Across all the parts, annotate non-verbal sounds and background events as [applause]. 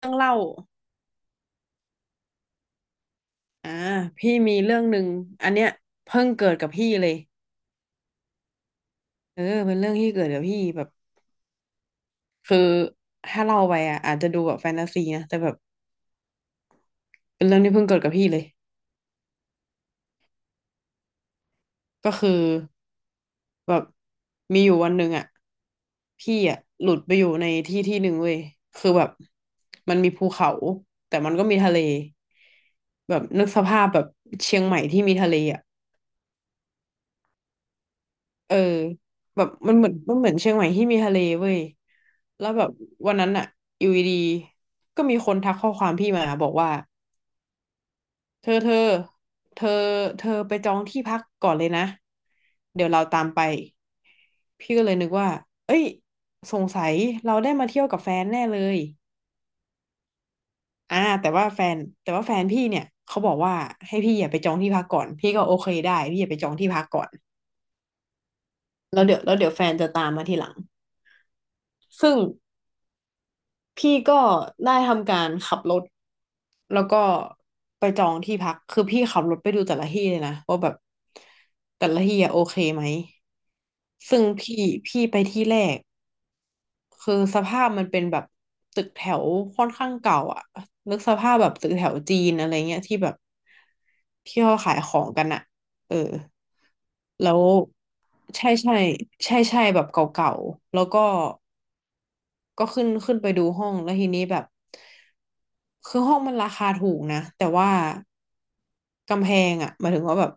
เรื่องเล่าอ่าพี่มีเรื่องหนึ่งอันเนี้ยเพิ่งเกิดกับพี่เลยเป็นเรื่องที่เกิดกับพี่แบบคือถ้าเล่าไปอ่ะอาจจะดูแบบแฟนตาซีนะ แต่แบบเป็นเรื่องที่เพิ่งเกิดกับพี่เลย ก็คือแบบมีอยู่วันหนึ่งอ่ะ พี่อ่ะหลุดไปอยู่ในที่ที่หนึ่งเว้ยคือแบบมันมีภูเขาแต่มันก็มีทะเลแบบนึกสภาพแบบเชียงใหม่ที่มีทะเลอ่ะ เออแบบมันเหมือนเชียงใหม่ที่มีทะเลเว้ยแล้วแบบวันนั้นอะอยู่ดีๆก็มีคนทักข้อความพี่มาบอกว่าเธอเธอเธอเธอไปจองที่พักก่อนเลยนะเดี๋ยวเราตามไปพี่ก็เลยนึกว่าเอ้ยสงสัยเราได้มาเที่ยวกับแฟนแน่เลยอ่าแต่ว่าแฟนแต่ว่าแฟนพี่เนี่ยเขาบอกว่าให้พี่อย่าไปจองที่พักก่อนพี่ก็โอเคได้พี่อย่าไปจองที่พักก่อนแล้วเดี๋ยวแฟนจะตามมาทีหลังซึ่ง พี่ก็ได้ทำการขับรถแล้วก็ไปจองที่พักคือพี่ขับรถไปดูแต่ละที่เลยนะว่าแบบแต่ละที่อะโอเคไหมซึ่งพี่ไปที่แรกคือสภาพมันเป็นแบบตึกแถวค่อนข้างเก่าอ่ะนึกสภาพแบบตึกแถวจีนอะไรเงี้ยที่แบบที่เขาขายของกันอะเออแล้วใช่ใช่ใช่ใช่แบบเก่าๆแล้วก็ ก็ขึ้นไปดูห้องแล้วทีนี้แบบคือห้องมันราคาถูกนะแต่ว่ากำแพงอ่ะหมายถึงว่าแบบ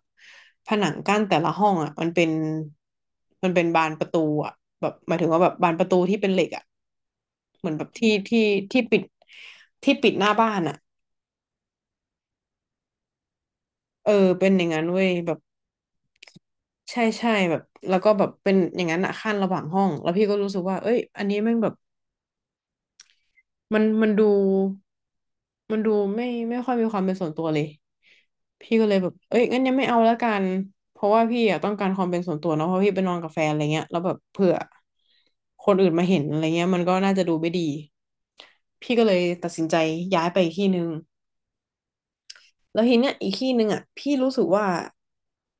ผนังกั้นแต่ละห้องอ่ะมันเป็นบานประตูอ่ะแบบหมายถึงว่าแบบบานประตูที่เป็นเหล็กอ่ะเหมือนแบบที่ที่ปิดที่ปิดหน้าบ้านอ่ะเออเป็นอย่างนั้นเว้ยแบบใช่ใช่แบบแล้วก็แบบเป็นอย่างนั้นอ่ะขั้นระหว่างห้องแล้วพี่ก็รู้สึกว่าเอ้ยอันนี้แม่งแบบ มันมันดูมันดูไม่ค่อยมีความเป็นส่วนตัวเลยพี่ก็เลยแบบเอ้ยงั้นยังไม่เอาแล้วกันเพราะว่าพี่อะต้องการความเป็นส่วนตัวเนาะเพราะพี่ไปนอนกับแฟนอะไรเงี้ยแล้วแบบเผื่อคนอื่นมาเห็นอะไรเงี้ยมันก็น่าจะดูไม่ดีพี่ก็เลยตัดสินใจย้ายไปอีกที่หนึ่งแล้วทีเนี้ยอีกที่หนึ่งอ่ะพี่รู้สึกว่า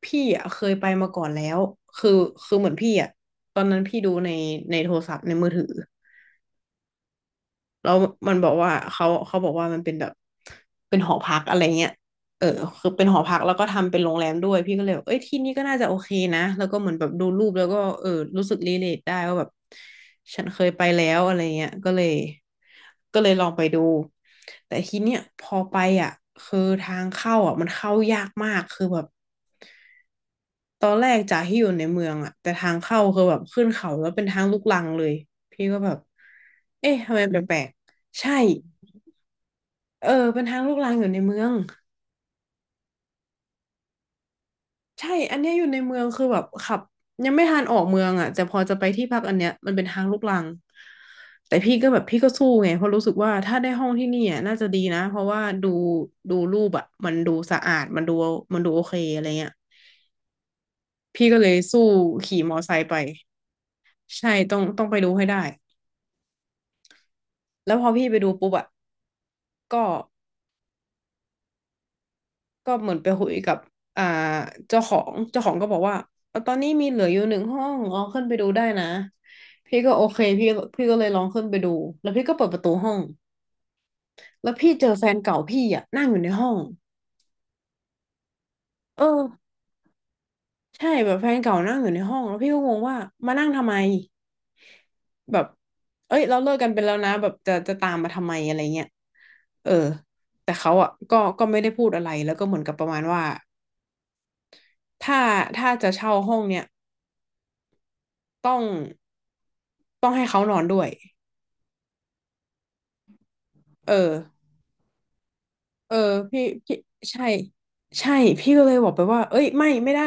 พี่อ่ะเคยไปมาก่อนแล้วคือคือเหมือนพี่อ่ะตอนนั้นพี่ดูในโทรศัพท์ในมือถือ แล้วมันบอกว่าเขาบอกว่ามันเป็นแบบเป็นหอพักอะไรเงี้ยเออคือเป็นหอพักแล้วก็ทำเป็นโรงแรมด้วยพี่ก็เลยแบบเอ้ยที่นี่ก็น่าจะโอเคนะแล้วก็เหมือนแบบดูรูปแล้วก็เออรู้สึกรีเลทได้ว่าแบบฉันเคยไปแล้วอะไรเงี้ยก็เลยลองไปดูแต่ทีเนี้ยพอไปอ่ะคือทางเข้าอ่ะมันเข้ายากมากคือแบบ ตอนแรกจากที่อยู่ในเมืองอะแต่ทางเข้าคือแบบขึ้นเขาแล้วเป็นทางลูกรังเลยพี่ก็แบบเอ๊ะทำไมแปลกๆใช่เออเป็นทางลูกรังอยู่ในเมืองใช่อันเนี้ยอยู่ในเมืองคือแบบขับยังไม่ทันออกเมืองอะแต่พอจะไปที่พักอันเนี้ยมันเป็นทางลูกรังแต่พี่ก็แบบพี่ก็สู้ไงเพราะรู้สึกว่าถ้าได้ห้องที่นี่อะน่าจะดีนะเพราะว่าดูดูรูปอะมันดูสะอาดมันดูโอเคอะไรเงี้ยพี่ก็เลยสู้ขี่มอไซค์ไปใช่ต้องไปดูให้ได้ แล้วพอพี่ไปดูปุ๊บอะก็ก็เหมือนไปคุยกับอ่าเจ้าของก็บอกว่าเอาตอนนี้มีเหลืออยู่หนึ่งห้องลองขึ้นไปดูได้นะพี่ก็โอเคพี่ก็เลยลองขึ้นไปดูแล้วพี่ก็เปิดประตูห้องแล้วพี่เจอแฟนเก่าพี่อะนั่งอยู่ในห้องเออใช่แบบแฟนเก่านั่งอยู่ในห้องแล้วพี่ก็งงว่ามานั่งทำไมแบบเอ้ยเราเลิกกันไปแล้วนะแบบจะตามมาทำไมอะไรเงี้ยเออแต่เขาอ่ะก็ไม่ได้พูดอะไรแล้วก็เหมือนกับประมาณว่าถ้าถ้าจะเช่าห้องเนี่ย ต้องต้องให้เขานอนด้วย เออเออพี่ใช่ใช่พี่ก็เลยบอกไปว่าเอ้ยไม่ได้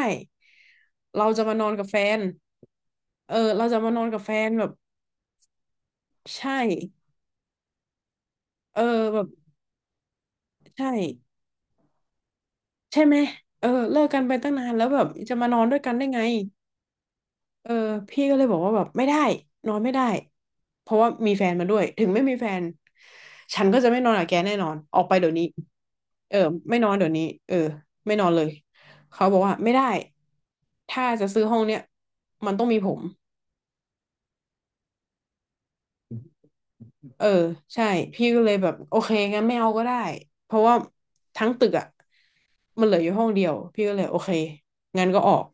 เราจะมานอนกับแฟนเออเราจะมานอนกับแฟนแบบใช่เออแบบใช่ใช่ไหมเออเลิกกันไปตั้งนานแล้วแบบจะมานอนด้วยกันได้ไง เออพี่ก็เลยบอกว่าแบบไม่ได้นอนไม่ได้เพราะว่ามีแฟนมาด้วยถึงไม่มีแฟนฉันก็จะไม่นอนกับแกแน่นอนออกไปเดี๋ยวนี้เออไม่นอนเดี๋ยวนี้เออไม่นอนเลยเขาบอกว่าไม่ได้ถ้าจะซื้อห้องเนี้ยมันต้องมีผมเออใช่พี่ก็เลยแบบโอเคงั้นไม่เอาก็ได้เพราะว่าทั้งตึกอ่ะมันเหลืออยู่ห้องเดียวพี่ก็เลยโอเคงั้นก็ออก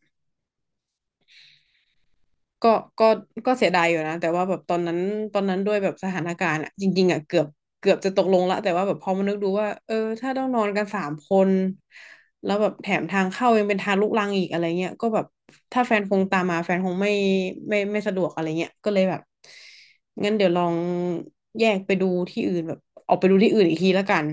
ก็ก็ก็เสียดายอยู่นะแต่ว่าแบบตอนนั้น ตอนนั้นด้วยแบบสถานการณ์อะจริงๆอะเกือบจะตกลงละ แต่ว่าแบบพอมานึกดูว่าเออถ้าต้องนอนกันสามคน แล้วแบบแถมทางเข้ายังเป็นทางลุกรังอีกอะไรเงี้ยก็แบบถ้าแฟนคงตามมาแฟนคงไม่สะดวกอะไรเงี้ยก็เลยแบบงั้นเดี๋ยวลองแยกไปดูที่อื่นแบบออกไปดูที่อื่นอีกทีละกัน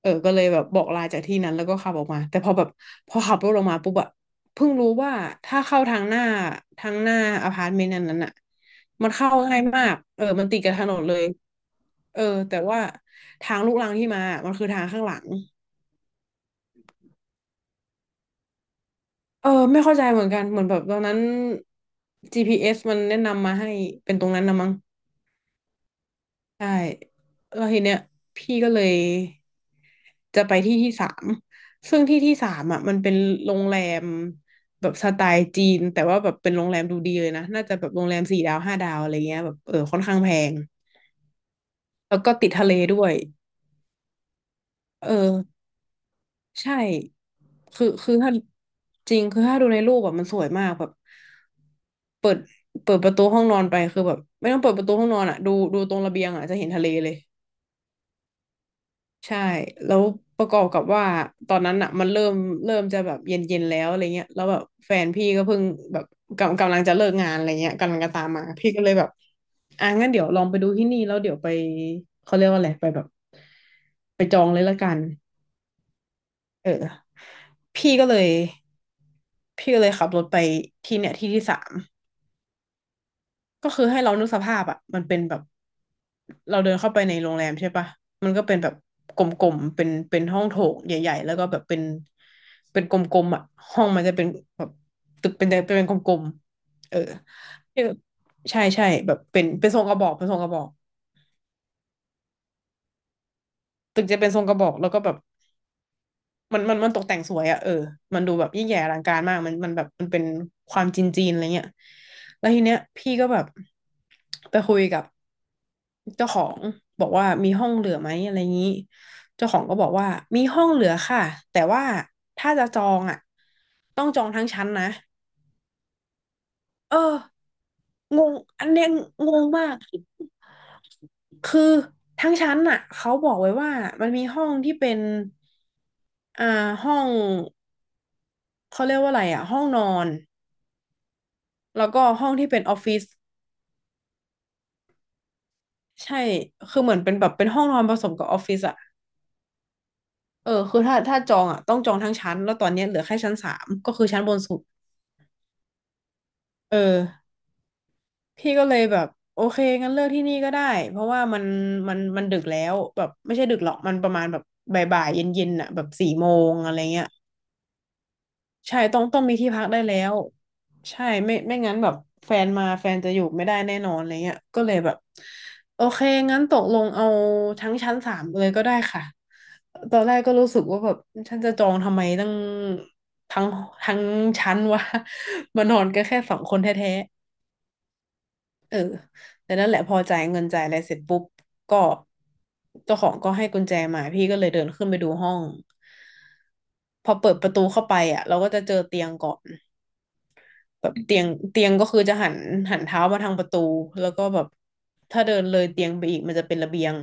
เออก็เลยแบบบอกลาจากที่นั้นแล้วก็ขับออกมาแต่พอแบบพอขับรถออกมาปุ๊บอะเพิ่งรู้ว่าถ้าเข้าทางหน้าทางหน้าอพาร์ตเมนต์นั้นน่ะมันเข้าง่ายมากเออมันติดกับถนนเลยเออแต่ว่าทางลูกรังที่มามันคือทางข้างหลังเออไม่เข้าใจเหมือนกันเหมือนแบบตอนนั้น GPS มันแนะนำมาให้เป็นตรงนั้นนะมั้ง ใช่แล้วทีเนี้ยพี่ก็เลยจะไปที่ที่สามซึ่งที่ที่สามอ่ะมันเป็นโรงแรมแบบสไตล์จีนแต่ว่าแบบเป็นโรงแรมดูดีเลยนะน่าจะแบบโรงแรมสี่ดาวห้าดาวอะไรเงี้ยแบบเออค่อนข้างแพงแล้วก็ติดทะเลด้วยเออใช่คือถ้าจริงคือถ้าดูในรูปแบบมันสวยมากแบบเปิดเปิดประตูห้องนอนไปคือแบบไม่ต้องเปิดประตูห้องนอนอ่ะดูตรงระเบียงอ่ะจะเห็นทะเลเลย ใช่ แล้วประกอบกับว่าตอนนั้นอ่ะมันเริ่มจะแบบเย็นเย็นแล้วอะไรเงี้ยแล้วแบบแฟนพี่ก็เพิ่งแบบกำลังจะเลิกงานอะไรเงี้ยกำลังจะตามมา พี่ก็เลยแบบอ่ะงั้นเดี๋ยวลองไปดูที่นี่แล้วเดี๋ยวไปเขาเรียกว่าอะไรไปแบบไปจองเลยละกันเออพี่ก็เลยพี่ก็เลยขับรถไปที่เนี่ยที่ที่สามก็คือให้เรานึกสภาพอ่ะมันเป็นแบบ เราเดินเข้าไปในโรงแรมใช่ปะมันก็เป็นแบบกลมๆเป็น เป็นห้องโถงใหญ่ๆแล้วก็แบบเป็นกลมๆอ่ะห้องมันจะเป็นแบบตึกเป็นเป็นกลมๆเออใช่แบบเป็นทรงกระบอกเป็นทรงกระบอกตึกจะเป็นทรงกระบอกแล้วก็แบบ มันตกแต่งสวยอะเออมันดูแบบยิ่งใหญ่อลังการมากมันแบบมันเป็นความจีนจีนอะไรเงี้ยแล้วทีเนี้ยพี่ก็แบบไปคุยกับเจ้าของบอกว่ามีห้องเหลือไหมอะไรงี้เจ้าของก็บอกว่ามีห้องเหลือค่ะแต่ว่าถ้าจะจองอะต้องจองทั้งชั้นนะเอองงอันเนี้ยงงมากคือทั้งชั้นน่ะเขาบอกไว้ว่ามันมีห้องที่เป็นอ่าห้อง เขาเรียกว่าอะไรอ่ะห้องนอนแล้วก็ห้องที่เป็นออฟฟิศใช่คือเหมือนเป็นแบบเป็นห้องนอนผสมกับออฟฟิศอ่ะเออคือถ้าจองอ่ะต้องจองทั้งชั้นแล้วตอนเนี้ยเหลือแค่ชั้นสามก็คือชั้นบนสุดเออพี่ก็เลยแบบโอเคงั้นเลือกที่นี่ก็ได้เพราะว่ามันมันดึกแล้วแบบไม่ใช่ดึกหรอกมันประมาณแบบบ่ายๆเย็นๆอ่ะแบบสี่โมงอะไรเงี้ย ใช่ต้องมีที่พักได้แล้วใช่ไม่ไม่งั้นแบบแฟนมาแฟนจะอยู่ไม่ได้แน่นอนอะไรเงี้ยก็เลยแบบโอเคงั้นตกลงเอาทั้งชั้นสามเลยก็ได้ค่ะตอนแรกก็รู้สึกว่าแบบฉันจะจองทำไมตั้งทั้งทั้งชั้นวะ [laughs] มานอนกันแค่สองคนแท้ๆแต่นั่นแหละพอจ่ายเงินจ่ายอะไรเสร็จปุ๊บก็เจ้าของก็ให้กุญแจมาพี่ก็เลยเดินขึ้นไปดูห้องพอเปิดประตูเข้าไปอ่ะเราก็จะเจอเตียงก่อน แบบเตียงก็คือจะหันเท้ามาทางประตูแล้วก็แบบถ้าเดินเลยเตียงไปอีกมันจะเป็นระเบียง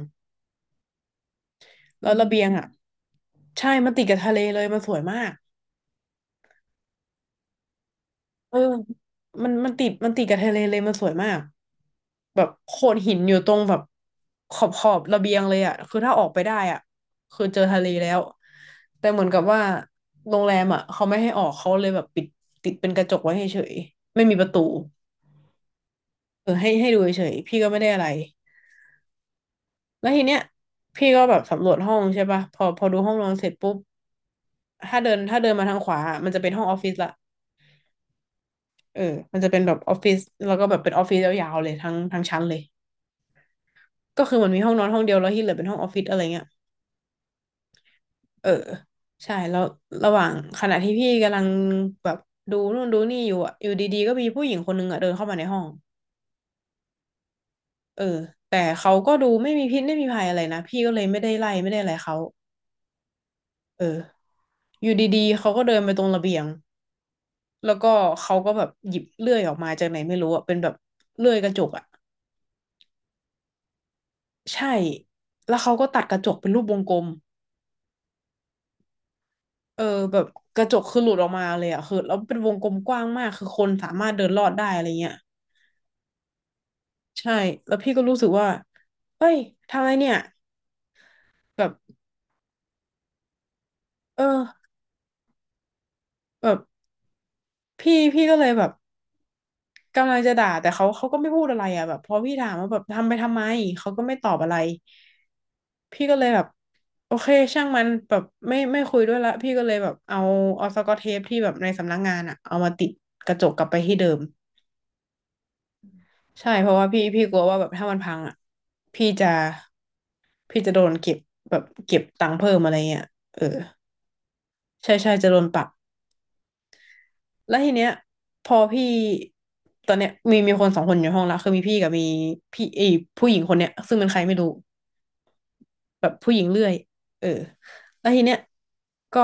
แล้วระเบียงอ่ะใช่มันติดกับทะเลเลยมันสวยมากเออมันติดกับทะเลเลยมันสวยมากแบบโขดหินอยู่ตรงแบบขอบระเบียงเลยอ่ะคือถ้าออกไปได้อ่ะคือเจอทะเลแล้วแต่เหมือนกับว่าโรงแรมอ่ะเขาไม่ให้ออกเขาเลยแบบปิดติดเป็นกระจกไว้เฉยๆไม่มีประตูเออให้ดูเฉยๆพี่ก็ไม่ได้อะไร แล้วทีเนี้ยพี่ก็แบบสำรวจห้องใช่ป่ะพอดูห้องนอนเสร็จปุ๊บถ้าเดินมาทางขวาอะมันจะเป็นห้องออฟฟิศละเออมันจะเป็นแบบออฟฟิศแล้วก็แบบเป็นออฟฟิศยาวๆเลยทั้งชั้นเลยก็คือมันมีห้องนอนห้องเดียวแล้วที่เหลือเป็นห้องออฟฟิศอะไรเงี้ยเออใช่แล้วระหว่างขณะที่พี่กำลังแบบดูนู่นดูนี่อยู่อะอยู่ดีๆก็มีผู้หญิงคนนึงอะเดินเข้ามาในห้องเออแต่เขาก็ดูไม่มีพิษไม่มีภัยอะไรนะพี่ก็เลยไม่ได้ไล่ไม่ได้อะไรเขาเอออยู่ดีๆเขาก็เดินไปตรงระเบียง แล้วก็เขาก็แบบหยิบเลื่อยออกมาจากไหนไม่รู้อะเป็นแบบเลื่อยกระจกอะใช่แล้วเขาก็ตัดกระจกเป็นรูปวงกลมเออแบบกระจกคือหลุดออกมาเลยอะคือแล้วเป็นวงกลมกว้างมากคือคนสามารถเดินลอดได้อะไรเงี้ยใช่แล้วพี่ก็รู้สึกว่าเฮ้ยทำอะไรเนี่ยแบบเออแบบพี่ก็เลยแบบ กำลังจะด่าแต่เขาก็ไม่พูดอะไรอ่ะแบบพอพี่ถามว่าแบบทำไปทำไมเขาก็ไม่ตอบอะไรพี่ก็เลยแบบโอเคช่างมันแบบไม่คุยด้วยละพี่ก็เลยแบบเอาสกอตเทปที่แบบในสำนักงานอ่ะเอามาติดกระจกกลับไปที่เดิมใช่เพราะว่าพี่กลัวว่าแบบถ้ามันพังอ่ะพี่จะโดนเก็บแบบเก็บตังค์เพิ่มอะไรเงี้ยเออใช่จะโดนปรับ แล้วทีเนี้ยพอพี่ตอนเนี้ยมีคนสองคนอยู่ห้องละคือมีพี่กับมีพี่ไอผู้หญิงคนเนี้ยซึ่งเป็นใครไม่รู้แบบผู้หญิงเรื่อยเออแล้วทีเนี้ยก็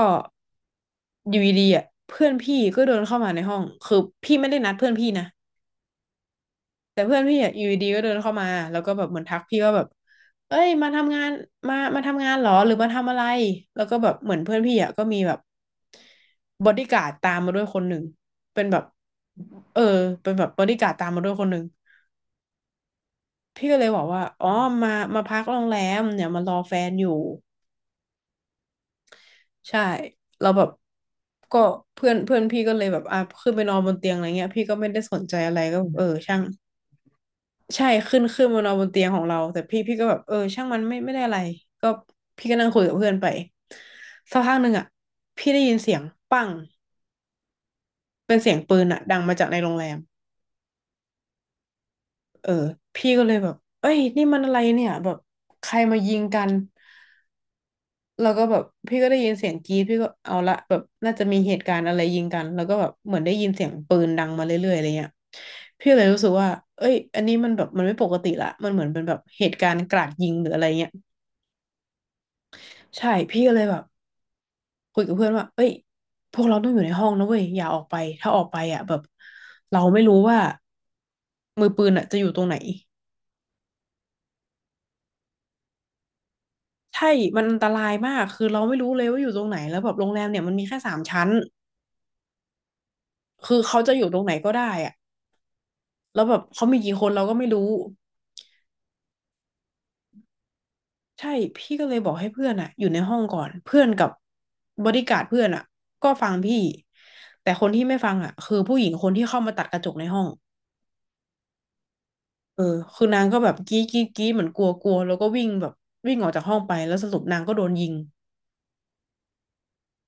อยู่ดีๆอ่ะเพื่อนพี่ก็เดินเข้ามาในห้องคือพี่ไม่ได้นัดเพื่อนพี่นะ แต่เพื่อนพี่อ่ะอยู่ดีๆก็เดินเข้ามาแล้วก็แบบเหมือนทักพี่ว่าแบบเอ้ยมาทำงานมาทำงานเหรอหรือมาทำอะไรแล้วก็แบบเหมือนเพื่อนพี่อ่ะก็มีแบบบอดี้การ์ดตามมาด้วยคนหนึ่งเป็นแบบเออเป็นแบบบอดี้การ์ดตามมาด้วยคนหนึ่งพี่ก็เลยบอกว่าอ๋อมาพักโรงแรมเนี่ยมารอแฟนอยู่ใช่แล้วแบบก็เพื่อนเพื่อนพี่ก็เลยแบบอ่ะขึ้นไปนอนบนเตียงอะไรเงี้ยพี่ก็ไม่ได้สนใจอะไรก็แบบเออช่าง ใช่ขึ้นมานอนบนเตียงของเราแต่พี่ก็แบบเออช่างมันไม่ได้อะไรก็พี่ก็นั่งคุยกับเพื่อนไปสักพักหนึ่งอ่ะพี่ได้ยินเสียงปังเป็นเสียงปืนอ่ะดังมาจากในโรงแรมเออพี่ก็เลยแบบเอ้ยนี่มันอะไรเนี่ยแบบใครมายิงกันแล้วก็แบบพี่ก็ได้ยินเสียงกรี๊ดพี่ก็เอาละแบบน่าจะมีเหตุการณ์อะไรยิงกันแล้วก็แบบเหมือนได้ยินเสียงปืนดังมาเรื่อยๆอะไรเงี้ยพี่เลยรู้สึกว่าเอ้ยอันนี้มันแบบมันไม่ปกติละมันเหมือนเป็นแบบเหตุการณ์กราดยิงหรืออะไรเงี้ย ใช่พี่ก็เลยแบบคุยกับเพื่อนว่าเอ้ยพวกเราต้องอยู่ในห้องนะเว้ยอย่าออกไปถ้าออกไปอ่ะแบบเราไม่รู้ว่ามือปืนอ่ะจะอยู่ตรงไหนใช่มันอันตรายมากคือเราไม่รู้เลยว่าอยู่ตรงไหนแล้วแบบโรงแรมเนี่ยมันมีแค่สามชั้นคือเขาจะอยู่ตรงไหนก็ได้อ่ะแล้วแบบเขามีกี่คนเราก็ไม่รู้ใช่พี่ก็เลยบอกให้เพื่อนอ่ะอยู่ในห้องก่อนเพื่อนกับบอดี้การ์ดเพื่อนอ่ะก็ฟังพี่แต่คนที่ไม่ฟังอ่ะคือผู้หญิงคนที่เข้ามาตัดกระจกในห้อง เออคือนางก็แบบกรี้กรี้กรี้เหมือนกลัวกลัวแล้วก็วิ่งแบบวิ่งออกจากห้องไปแล้วสรุปนางก็โดนยิง